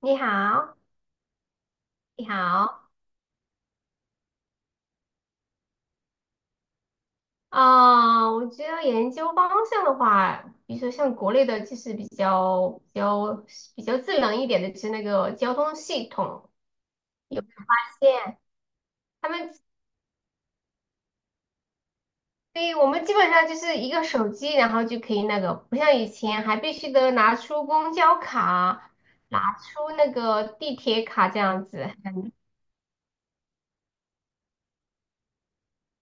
你好，你好，啊，我觉得研究方向的话，比如说像国内的，就是比较智能一点的，就是那个交通系统，有发现他们，对，我们基本上就是一个手机，然后就可以那个，不像以前还必须得拿出公交卡，拿出那个地铁卡这样子。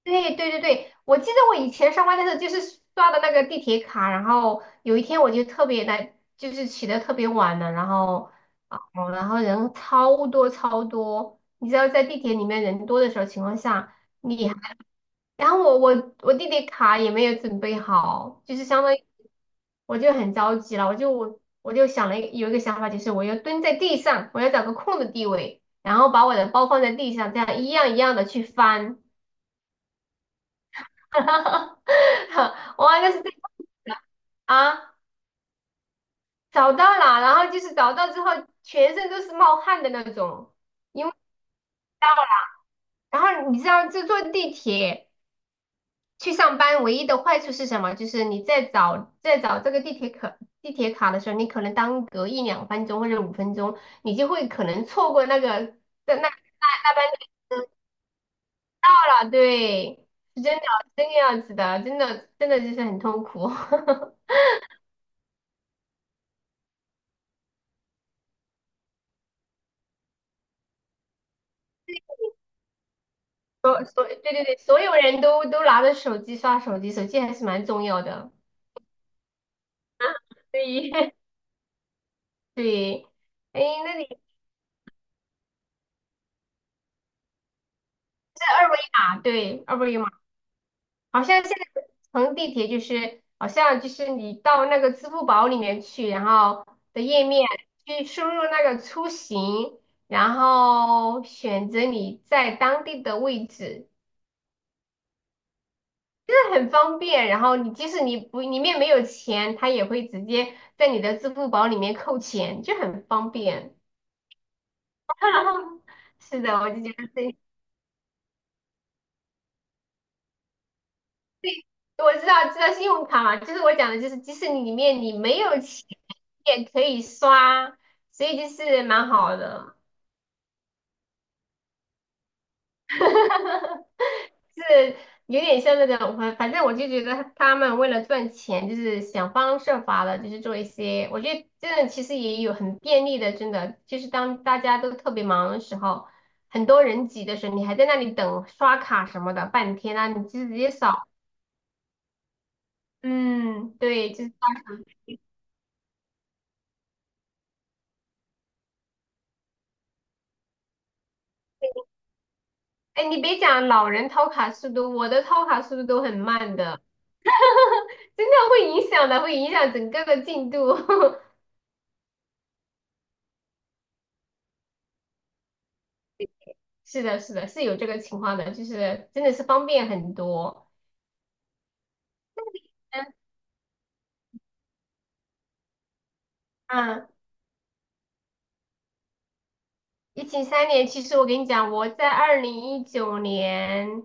对对对对，我记得我以前上班的时候就是刷的那个地铁卡，然后有一天我就特别来，就是起得特别晚了，然后啊，哦，然后人超多超多，你知道在地铁里面人多的时候情况下，你还然后我地铁卡也没有准备好，就是相当于我就很着急了，我就想了有一个想法，就是我要蹲在地上，我要找个空的地位，然后把我的包放在地上，这样一样一样的去翻。哈哈哈！哇，那是真的啊！找到了，然后就是找到之后，全身都是冒汗的那种。因为，然后你知道，这坐地铁去上班唯一的坏处是什么？就是你在找这个地铁卡的时候，你可能耽搁一两分钟或者5分钟，你就会可能错过那个那那那那班车了。对，是真的，真的样子的，真的就是很痛苦。对对对，所有人都拿着手机刷手机，手机还是蛮重要的。对。 对，哎，那你这二维码，对，二维码，好像现在乘地铁就是，好像就是你到那个支付宝里面去，然后的页面去输入那个出行，然后选择你在当地的位置，这很方便。然后你即使你不里面没有钱，它也会直接在你的支付宝里面扣钱，就很方便。是的，我就觉得这，我知道知道信用卡嘛，就是我讲的，就是即使你里面你没有钱，也可以刷，所以就是蛮好的。是有点像那种，反反正我就觉得他们为了赚钱，就是想方设法的，就是做一些，我觉得真的其实也有很便利的，真的就是当大家都特别忙的时候，很多人挤的时候，你还在那里等刷卡什么的半天啊，你就直接扫。嗯，对，就是。哎，你别讲老人掏卡速度，我的掏卡速度都很慢的，真的会影响的，会影响整个的进度。是的，是的，是有这个情况的，就是真的是方便很多。嗯嗯，疫情三年，其实我跟你讲，我在二零一九年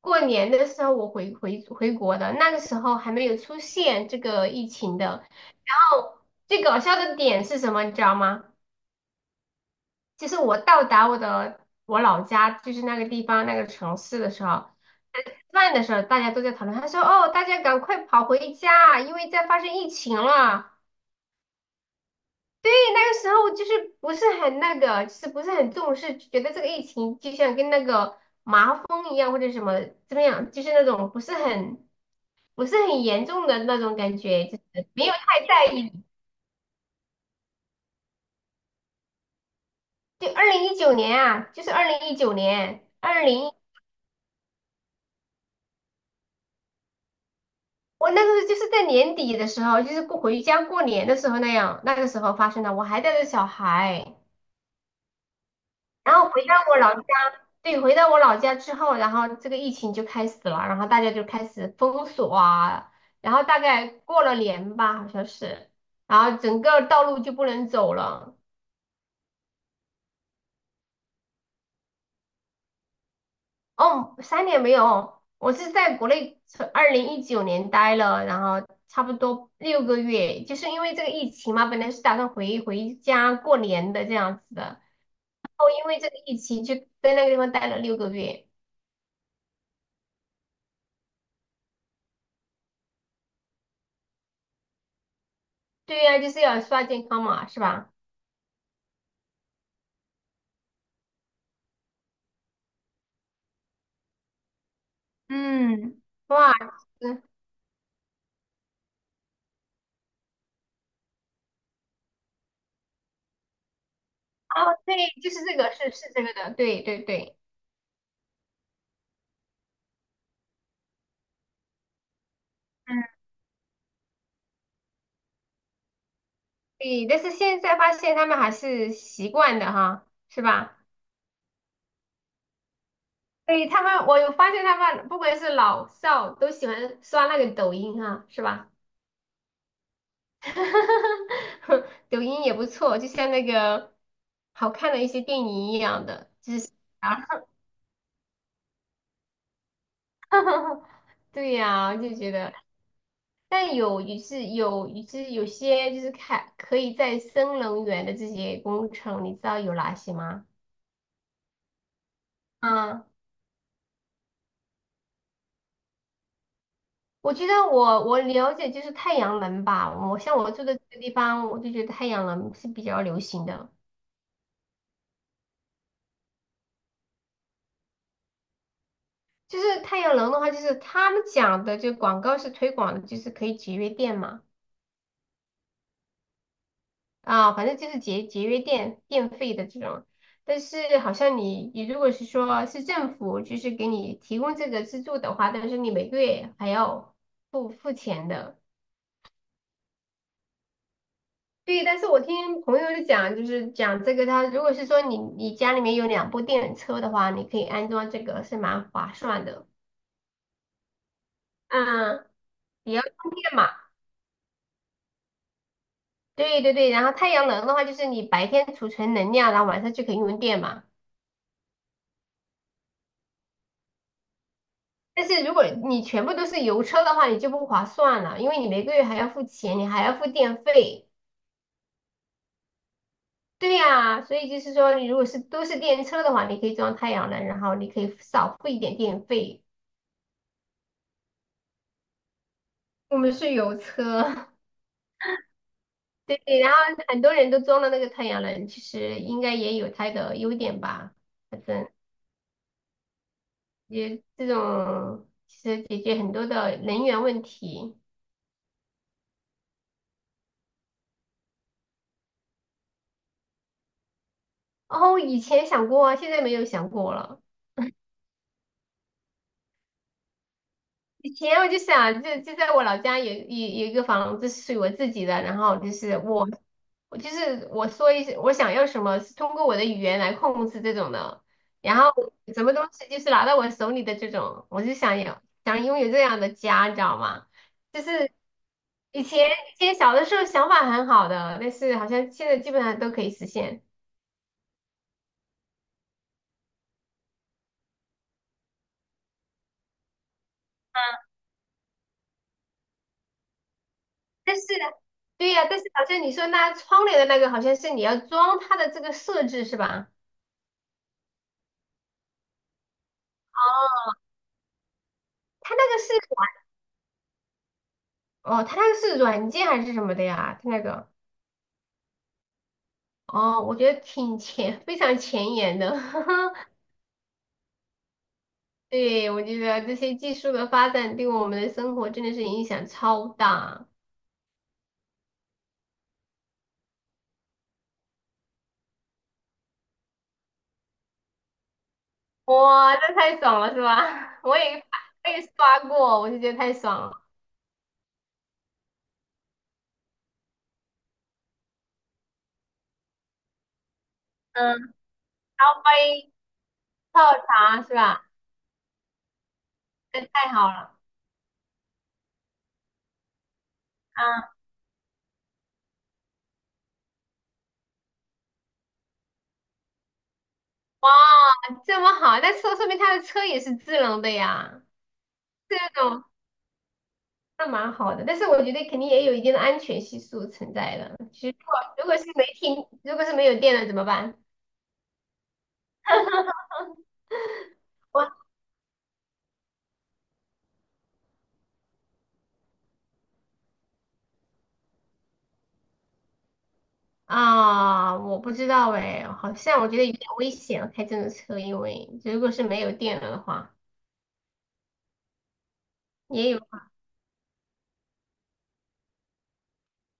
过年的时候，我回国的，那个时候还没有出现这个疫情的。然后最搞笑的点是什么，你知道吗？就是我到达我的我老家，就是那个地方那个城市的时候，吃饭的时候大家都在讨论，他说："哦，大家赶快跑回家，因为在发生疫情了。"对，那个时候就是不是很那个，就是不是很重视，觉得这个疫情就像跟那个麻风一样或者什么怎么样，就是那种不是很严重的那种感觉，就是没有太在意。就二零一九年啊，就是二零一九年，我那个时候就是在年底的时候，就是过回家过年的时候那样，那个时候发生的。我还带着小孩，然后回到我老家，对，回到我老家之后，然后这个疫情就开始了，然后大家就开始封锁啊，然后大概过了年吧，好像是，然后整个道路就不能走了。哦，三年没有哦，我是在国内从二零一九年待了，然后差不多六个月，就是因为这个疫情嘛，本来是打算回家过年的这样子的，然后因为这个疫情就在那个地方待了六个月。对呀，就是要刷健康码是吧？嗯，哇，嗯，哦，对，就是这个，是是这个的，对对对，嗯，对，但是现在发现他们还是习惯的哈，是吧？对他们，我有发现他们不管是老少都喜欢刷那个抖音啊，是吧？抖音也不错，就像那个好看的一些电影一样的啊。对呀，我就觉得，但有也是有，就是有些就是看可以再生能源的这些工程，你知道有哪些吗？嗯，我觉得我了解就是太阳能吧，我像我住的这个地方，我就觉得太阳能是比较流行的。就是太阳能的话，就是他们讲的，就广告是推广的，就是可以节约电嘛，啊，反正就是节约电费的这种。但是好像你你如果是说是政府就是给你提供这个资助的话，但是你每个月还要付钱的。对，但是我听朋友就讲，就是讲这个他，如果是说你你家里面有两部电车的话，你可以安装这个是蛮划算的。嗯，也要充电嘛。对对对，然后太阳能的话，就是你白天储存能量，然后晚上就可以用电嘛。但是如果你全部都是油车的话，你就不划算了，因为你每个月还要付钱，你还要付电费。对呀，所以就是说，你如果是都是电车的话，你可以装太阳能，然后你可以少付一点电费。我们是油车。对，然后很多人都装了那个太阳能，其实应该也有它的优点吧。反正也这种其实解决很多的能源问题。哦，以前想过啊，现在没有想过了。以前我就想，就在我老家有一个房子是属于我自己的，然后就是我就是我说一些我想要什么，是通过我的语言来控制这种的，然后什么东西就是拿到我手里的这种，我就想有想拥有这样的家，你知道吗？就是以前以前小的时候想法很好的，但是好像现在基本上都可以实现。但是，对呀，但是好像你说那窗帘的那个，好像是你要装它的这个设置是吧？它那个是软哦，它那个是软件还是什么的呀？它那个哦，我觉得挺前，非常前沿的。对，我觉得这些技术的发展对我们的生活真的是影响超大。哇，这太爽了是吧？我也刷过，我就觉得太爽了。嗯，烧杯泡茶是吧？这太好了。嗯，哇，这么好，那说明他的车也是智能的呀。这种那蛮好的。但是我觉得肯定也有一定的安全系数存在的。其实如果是没停，如果是没有电了怎么办？我啊，我不知道哎，好像我觉得有点危险啊开这种车，因为如果是没有电了的话，也有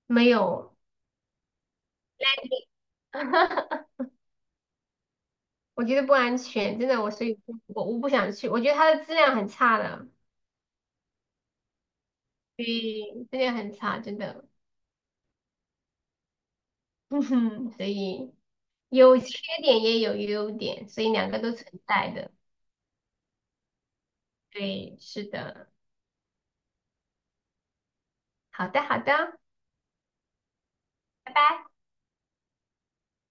没有 landing。我觉得不安全，真的我所以我不想去，我觉得它的质量很差的。对，以这个很差，真的。嗯哼，所以有缺点也有优点，所以两个都存在的。对，是的。好的，好的，拜拜。